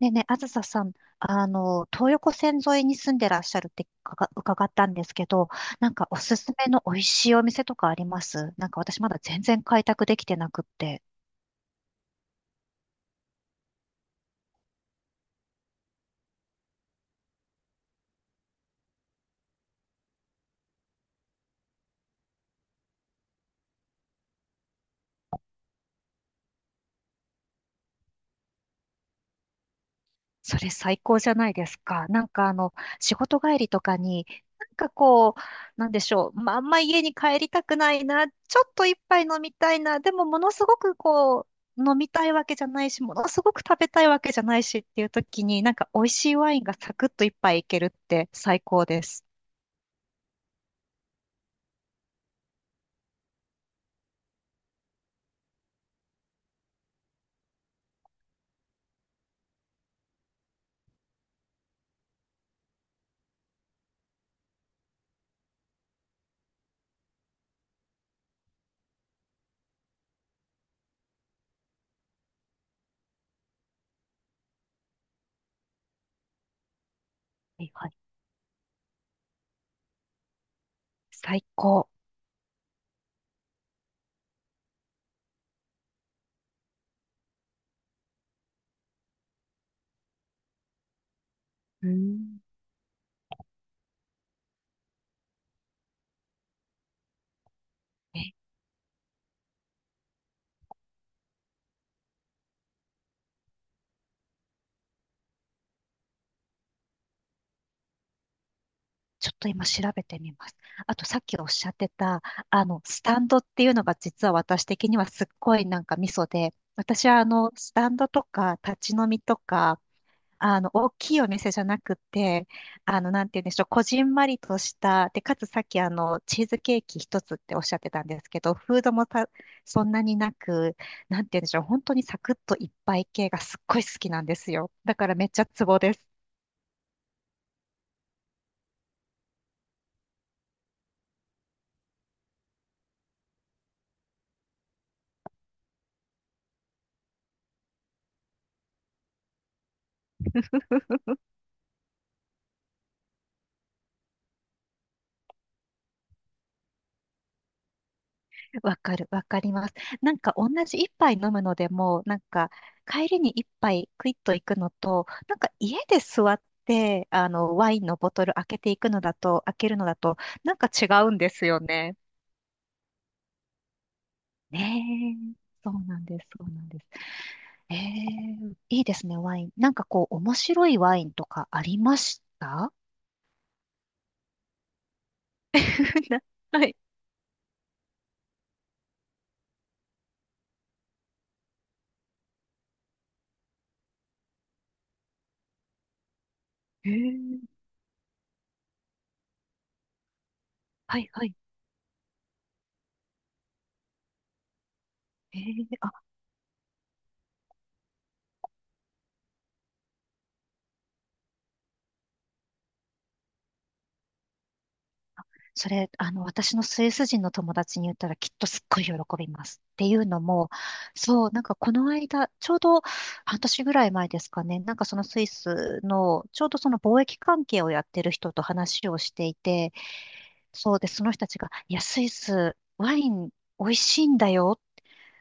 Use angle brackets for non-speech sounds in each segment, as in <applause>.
でね、あずささん、東横線沿いに住んでらっしゃるってかが伺ったんですけど、おすすめの美味しいお店とかあります？私まだ全然開拓できてなくって。それ最高じゃないですか。仕事帰りとかに、なんかこう、なんでしょう。まあ、あんま家に帰りたくないな。ちょっと一杯飲みたいな。でもものすごくこう、飲みたいわけじゃないし、ものすごく食べたいわけじゃないしっていう時に、美味しいワインがサクッと一杯いけるって最高です。はいはい。最高。うん。えちょっと今調べてみます。あとさっきおっしゃってた、あの、スタンドっていうのが実は私的にはすっごいミソで、私はあの、スタンドとか立ち飲みとか、あの、大きいお店じゃなくて、あの、なんて言うんでしょう、こじんまりとした、で、かつさっきチーズケーキ一つっておっしゃってたんですけど、フードもそんなになく、なんて言うんでしょう、本当にサクッといっぱい系がすっごい好きなんですよ。だからめっちゃツボです。わかる、わかります。同じ一杯飲むのでも、帰りに一杯クイッと行くのと、家で座って、あの、ワインのボトル開けていくのだと、開けるのだと、違うんですよね。ねえ。そうなんです、そうなんです。ええ、いいですね、ワイン。なんかこう、面白いワインとかありました？ <laughs> なはい。ええ、はい、はい。ええ、あ、それ、あの、私のスイス人の友達に言ったらきっとすっごい喜びます。っていうのも、そう、この間、ちょうど半年ぐらい前ですかね、そのスイスの、ちょうどその貿易関係をやってる人と話をしていて、そうで、その人たちが、いや、スイス、ワイン美味しいんだよ、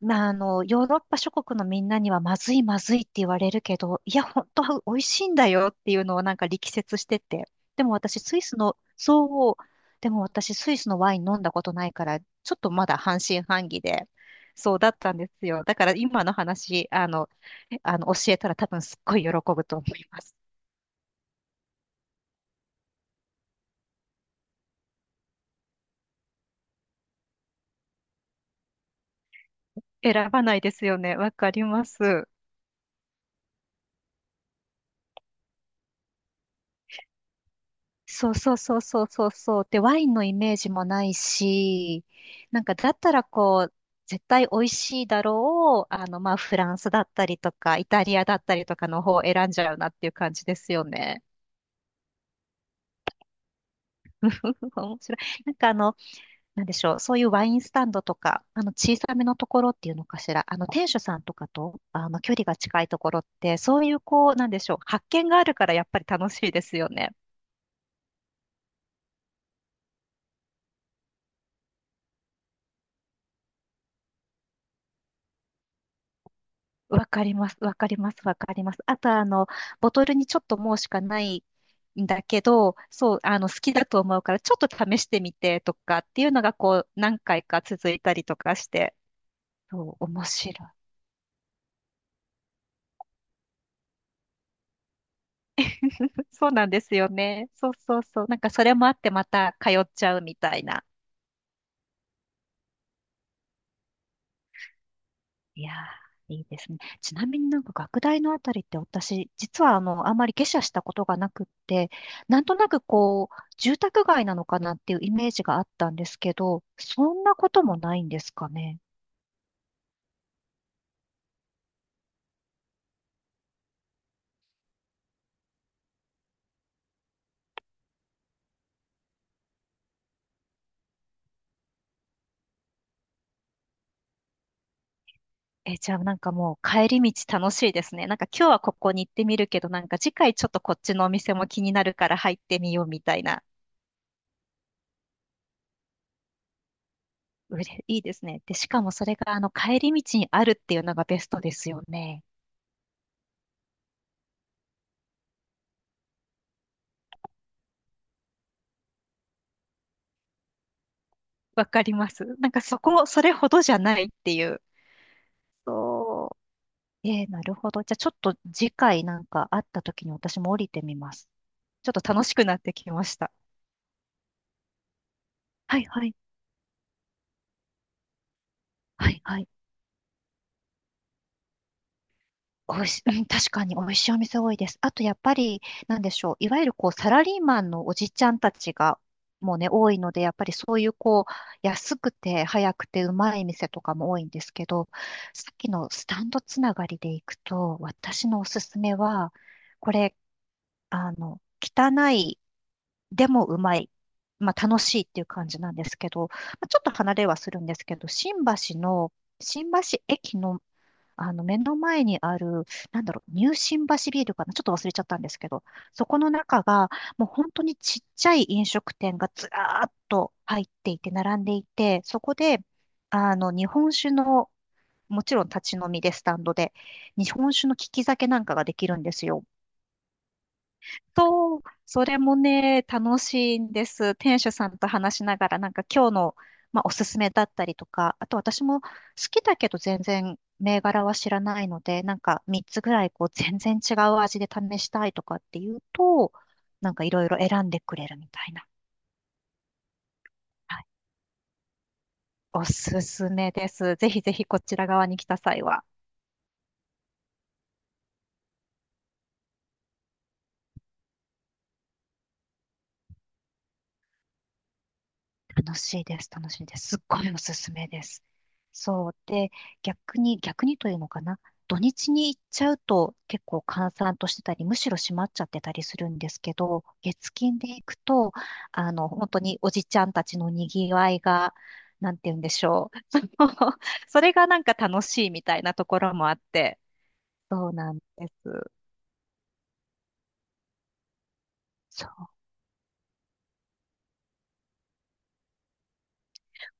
まあ、あの、ヨーロッパ諸国のみんなにはまずいまずいって言われるけど、いや、本当は美味しいんだよっていうのを力説してて。でも私、スイスの、そう、でも私、スイスのワイン飲んだことないから、ちょっとまだ半信半疑で、そうだったんですよ。だから今の話、あの、教えたら多分すっごい喜ぶと思います。選ばないですよね。わかります。そうそうそうそうそうそう。で、ワインのイメージもないし、なんかだったらこう、絶対美味しいだろう、あの、まあ、フランスだったりとか、イタリアだったりとかの方を選んじゃうなっていう感じですよね。<laughs> 面白い。なんでしょう、そういうワインスタンドとか、あの、小さめのところっていうのかしら、あの、店主さんとかと、あの、距離が近いところって、そういうこう、なんでしょう、発見があるからやっぱり楽しいですよね。わかります、わかります、わかります。あと、あの、ボトルにちょっともうしかないんだけど、そう、あの、好きだと思うから、ちょっと試してみてとかっていうのが、こう、何回か続いたりとかして、そう、面白い。<laughs> そうなんですよね。そうそうそう。それもあって、また通っちゃうみたいな。いやー、いいですね。ちなみに学大のあたりって私、実はあの、あんまり下車したことがなくって、なんとなくこう、住宅街なのかなっていうイメージがあったんですけど、そんなこともないんですかね。え、じゃあもう帰り道楽しいですね。今日はここに行ってみるけど、次回ちょっとこっちのお店も気になるから入ってみようみたいな。うれいいですね。で、しかもそれがあの帰り道にあるっていうのがベストですよね。わかります。そこ、それほどじゃないっていう。そう。えー、なるほど。じゃあちょっと次回会った時に私も降りてみます。ちょっと楽しくなってきました。はいはい。はいはい。おいし、うん、確かに美味しいお店多いです。あとやっぱり、なんでしょう。いわゆるこう、サラリーマンのおじちゃんたちが、もうね、多いので、やっぱりそういうこう、安くて早くてうまい店とかも多いんですけど、さっきのスタンドつながりで行くと、私のおすすめは、これ、あの、汚いでもうまい。まあ楽しいっていう感じなんですけど、まあ、ちょっと離れはするんですけど、新橋の、新橋駅の、あの目の前にある、なんだろう、ニュー新橋ビールかな、ちょっと忘れちゃったんですけど、そこの中が、もう本当にちっちゃい飲食店がずらーっと入っていて、並んでいて、そこで、あの、日本酒の、もちろん立ち飲みでスタンドで、日本酒の利き酒なんかができるんですよ。そう、それもね、楽しいんです。店主さんと話しながら、今日の、まあ、おすすめだったりとか、あと私も好きだけど全然銘柄は知らないので、3つぐらいこう全然違う味で試したいとかっていうと、いろいろ選んでくれるみたいな。はい、おすすめです。ぜひぜひこちら側に来た際は。楽しいです、楽しいです。すっごいおすすめです。そう。で、逆に、逆にというのかな。土日に行っちゃうと結構閑散としてたり、むしろ閉まっちゃってたりするんですけど、月金で行くと、あの、本当におじちゃんたちのにぎわいが、なんて言うんでしょう。<laughs> それが楽しいみたいなところもあって。そうなんです。そう、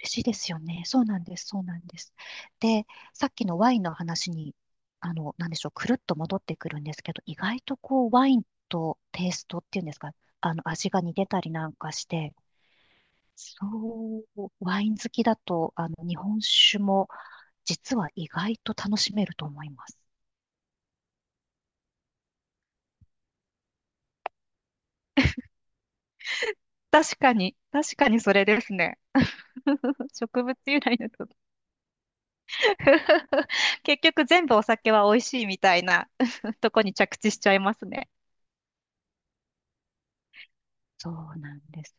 嬉しいですよね。そうなんです。そうなんです。で、さっきのワインの話に、あの、なんでしょう、くるっと戻ってくるんですけど、意外とこう、ワインとテイストっていうんですか、あの、味が似てたりなんかして、そう、ワイン好きだと、あの、日本酒も、実は意外と楽しめると思います。確かに、確かにそれですね。<laughs> 植物由来のと。<laughs> 結局全部お酒は美味しいみたいな <laughs> とこに着地しちゃいますね。そうなんです。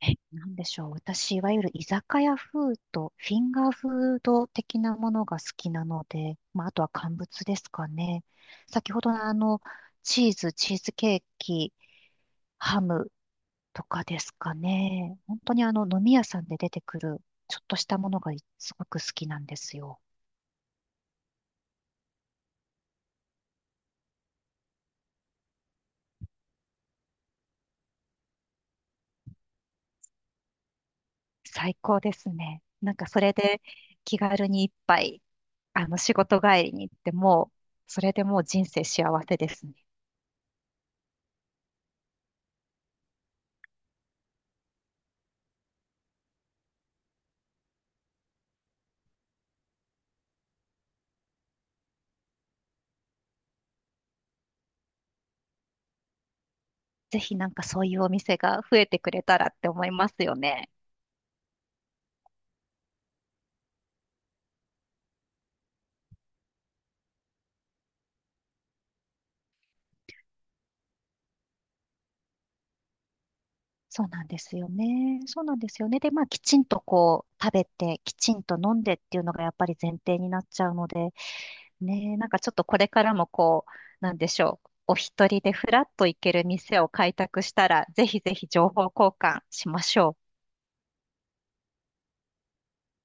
え、なんでしょう。私、いわゆる居酒屋風とフィンガーフード的なものが好きなので、まあ、あとは乾物ですかね。先ほどのあの、チーズ、チーズケーキ、ハムとかですかね。本当にあの、飲み屋さんで出てくる、ちょっとしたものがすごく好きなんですよ。最高ですね。それで気軽に一杯、あの、仕事帰りに行ってもう、それでもう人生幸せですね。ぜひそういうお店が増えてくれたらって思いますよね。そうなんですよね。そうなんですよね。で、まあ、きちんとこう、食べて、きちんと飲んでっていうのがやっぱり前提になっちゃうので、ね、ちょっとこれからもこう、なんでしょう。お一人でふらっと行ける店を開拓したら、ぜひぜひ情報交換しましょう。